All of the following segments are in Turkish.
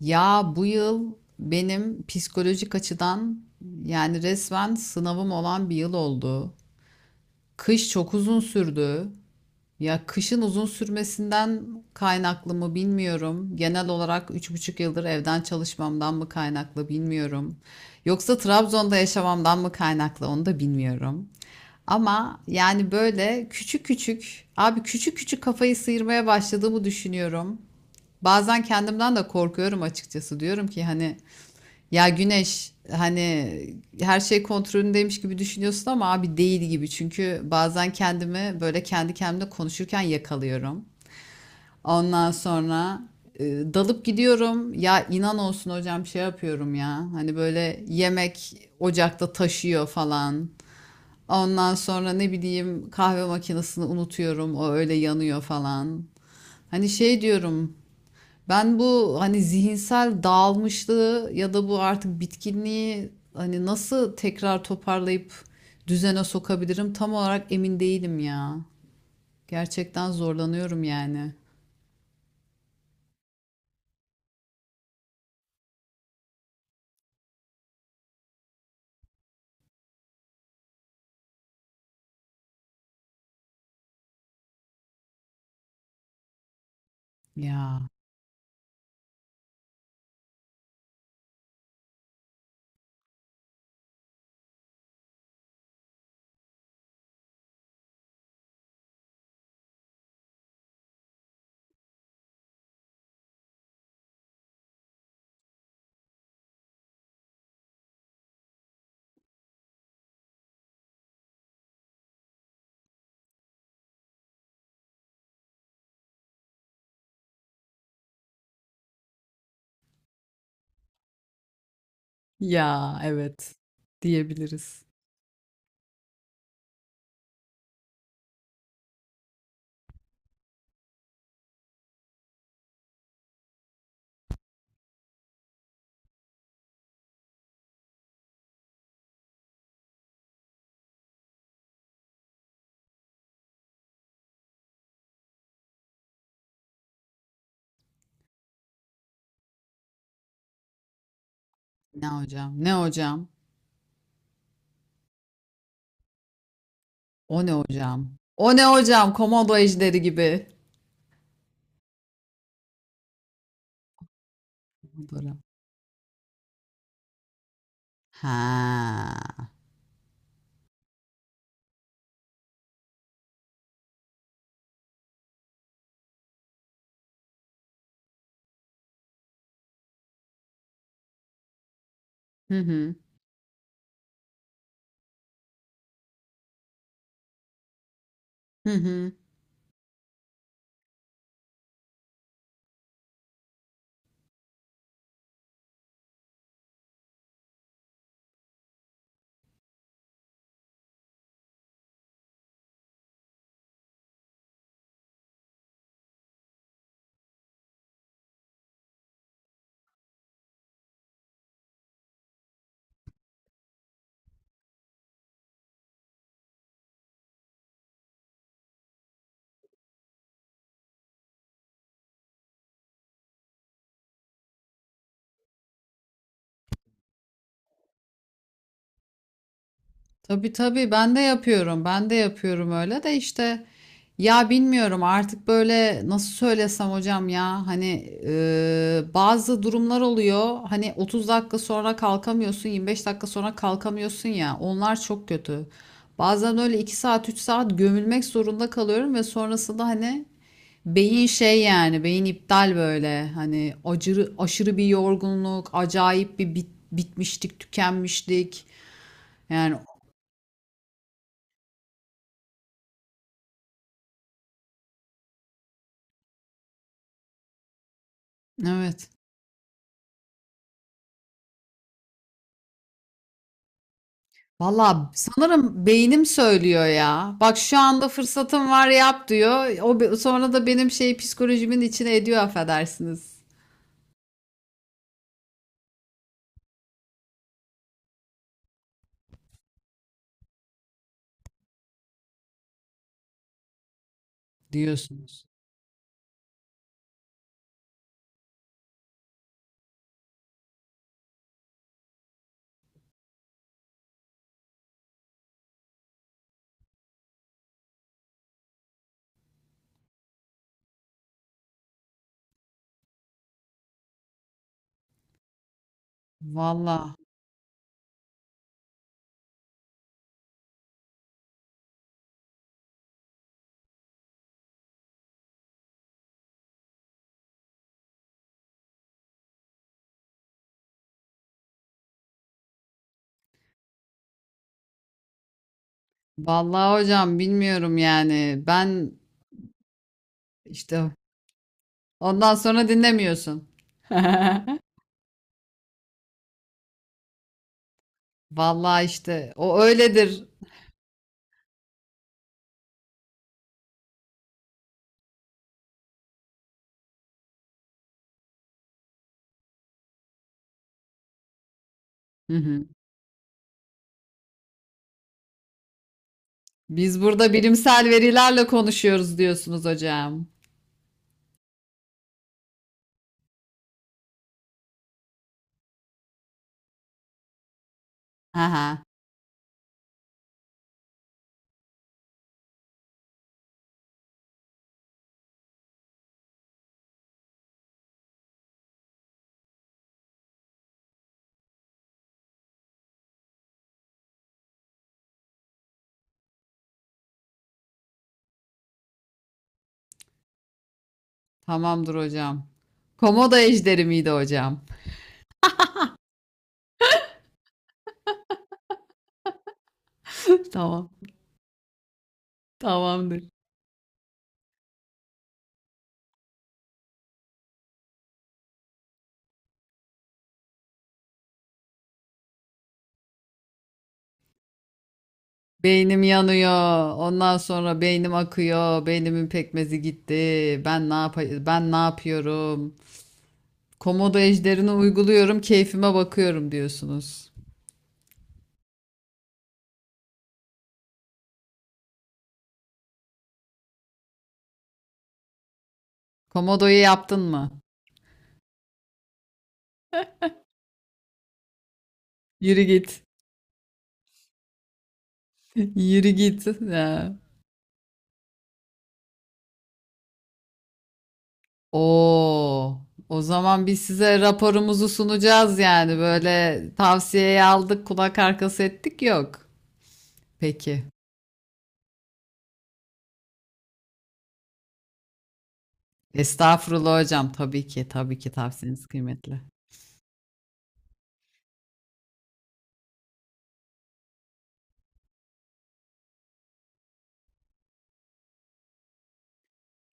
Ya bu yıl benim psikolojik açıdan yani resmen sınavım olan bir yıl oldu. Kış çok uzun sürdü. Ya kışın uzun sürmesinden kaynaklı mı bilmiyorum. Genel olarak 3,5 yıldır evden çalışmamdan mı kaynaklı bilmiyorum. Yoksa Trabzon'da yaşamamdan mı kaynaklı onu da bilmiyorum. Ama yani böyle küçük küçük kafayı sıyırmaya başladığımı düşünüyorum. Bazen kendimden de korkuyorum açıkçası. Diyorum ki hani ya Güneş hani her şey kontrolündeymiş gibi düşünüyorsun ama abi değil gibi. Çünkü bazen kendimi böyle kendi kendimle konuşurken yakalıyorum. Ondan sonra e, dalıp gidiyorum. Ya inan olsun hocam şey yapıyorum ya. Hani böyle yemek ocakta taşıyor falan. Ondan sonra ne bileyim kahve makinesini unutuyorum. O öyle yanıyor falan. Hani şey diyorum. Ben bu hani zihinsel dağılmışlığı ya da bu artık bitkinliği hani nasıl tekrar toparlayıp düzene sokabilirim tam olarak emin değilim ya. Gerçekten zorlanıyorum yani. Ya. Ya evet diyebiliriz. Ne hocam? Ne hocam? O ne hocam? O ne hocam? Komodo ejderi gibi. Komodo. Ha. Hı hı. Hı hı. Tabii tabii ben de yapıyorum. Ben de yapıyorum öyle de işte ya bilmiyorum artık böyle nasıl söylesem hocam ya hani bazı durumlar oluyor. Hani 30 dakika sonra kalkamıyorsun, 25 dakika sonra kalkamıyorsun ya. Onlar çok kötü. Bazen öyle 2 saat, 3 saat gömülmek zorunda kalıyorum ve sonrasında hani beyin şey yani beyin iptal böyle hani aşırı bir yorgunluk acayip bir bitmişlik tükenmişlik yani evet. Valla sanırım beynim söylüyor ya. Bak şu anda fırsatım var yap diyor. O sonra da benim şey psikolojimin içine ediyor affedersiniz diyorsunuz. Valla. Valla hocam bilmiyorum yani. Ben işte ondan sonra dinlemiyorsun. Valla işte o öyledir. Hı hı. Biz burada bilimsel verilerle konuşuyoruz diyorsunuz hocam. Aha, tamamdır hocam. Komodo ejderi miydi hocam? Tamam. Tamamdır. Beynim yanıyor. Ondan sonra beynim akıyor. Beynimin pekmezi gitti. Ben ne yapıyorum? Komodo ejderini uyguluyorum. Keyfime bakıyorum diyorsunuz. Komodo'yu yaptın mı? Yürü git. Yürü git. Ya. Oo. O zaman biz size raporumuzu sunacağız yani. Böyle tavsiyeyi aldık, kulak arkası ettik yok. Peki. Estağfurullah hocam. Tabii ki, tabii ki tavsiyeniz kıymetli.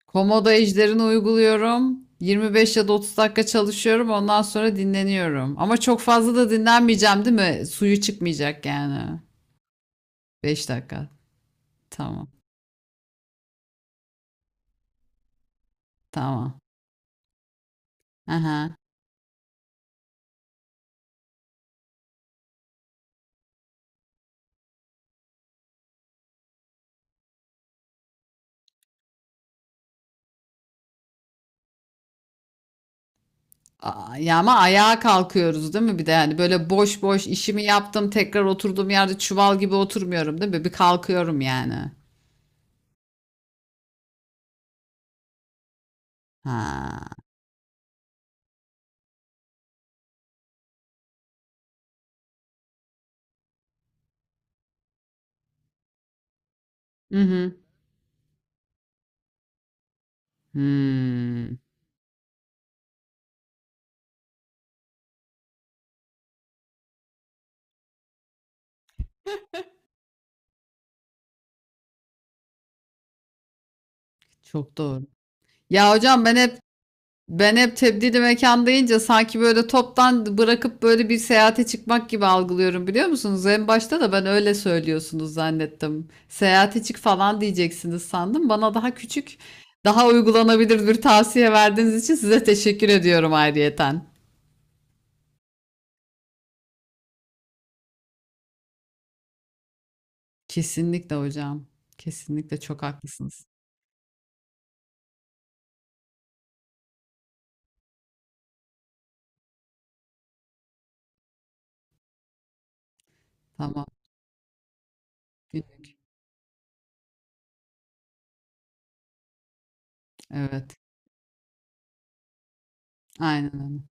Komodo ejderini uyguluyorum. 25 ya da 30 dakika çalışıyorum. Ondan sonra dinleniyorum. Ama çok fazla da dinlenmeyeceğim, değil mi? Suyu çıkmayacak yani. 5 dakika. Tamam. Tamam. Aha. Aa, ya ama ayağa kalkıyoruz değil mi? Bir de yani böyle boş boş işimi yaptım tekrar oturduğum yerde çuval gibi oturmuyorum değil mi? Bir kalkıyorum yani. Ha. Hı hı. Hmm. Çok doğru. Ya hocam ben hep tebdili mekan deyince sanki böyle toptan bırakıp böyle bir seyahate çıkmak gibi algılıyorum biliyor musunuz? En başta da ben öyle söylüyorsunuz zannettim. Seyahate çık falan diyeceksiniz sandım. Bana daha küçük, daha uygulanabilir bir tavsiye verdiğiniz için size teşekkür ediyorum ayrıyeten. Kesinlikle hocam. Kesinlikle çok haklısınız. Tamam. Günlük. Evet. Aynen öyle.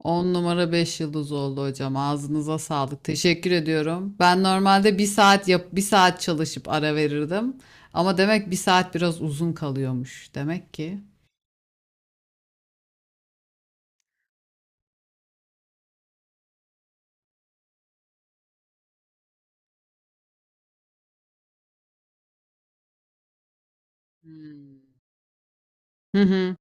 10 numara 5 yıldız oldu hocam. Ağzınıza sağlık. Teşekkür ediyorum. Ben normalde 1 saat yap, 1 saat çalışıp ara verirdim. Ama demek 1 saat biraz uzun kalıyormuş. Demek ki. Hmm. Hı hı.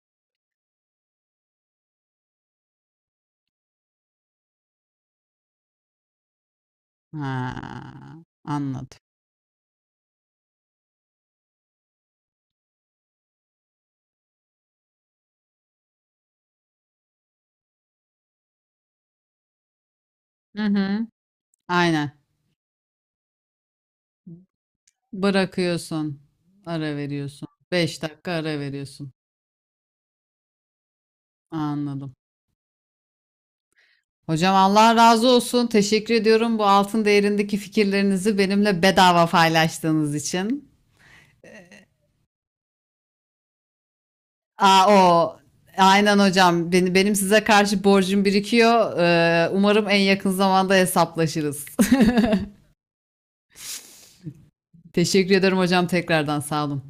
Ha, anladım. Hı hı. Aynen. Bırakıyorsun. Ara veriyorsun. 5 dakika ara veriyorsun. Anladım. Hocam Allah razı olsun. Teşekkür ediyorum bu altın değerindeki fikirlerinizi benimle bedava paylaştığınız için. Aa, o. Aynen hocam. Benim size karşı borcum birikiyor. Umarım en yakın zamanda hesaplaşırız. Teşekkür ederim hocam tekrardan sağ olun.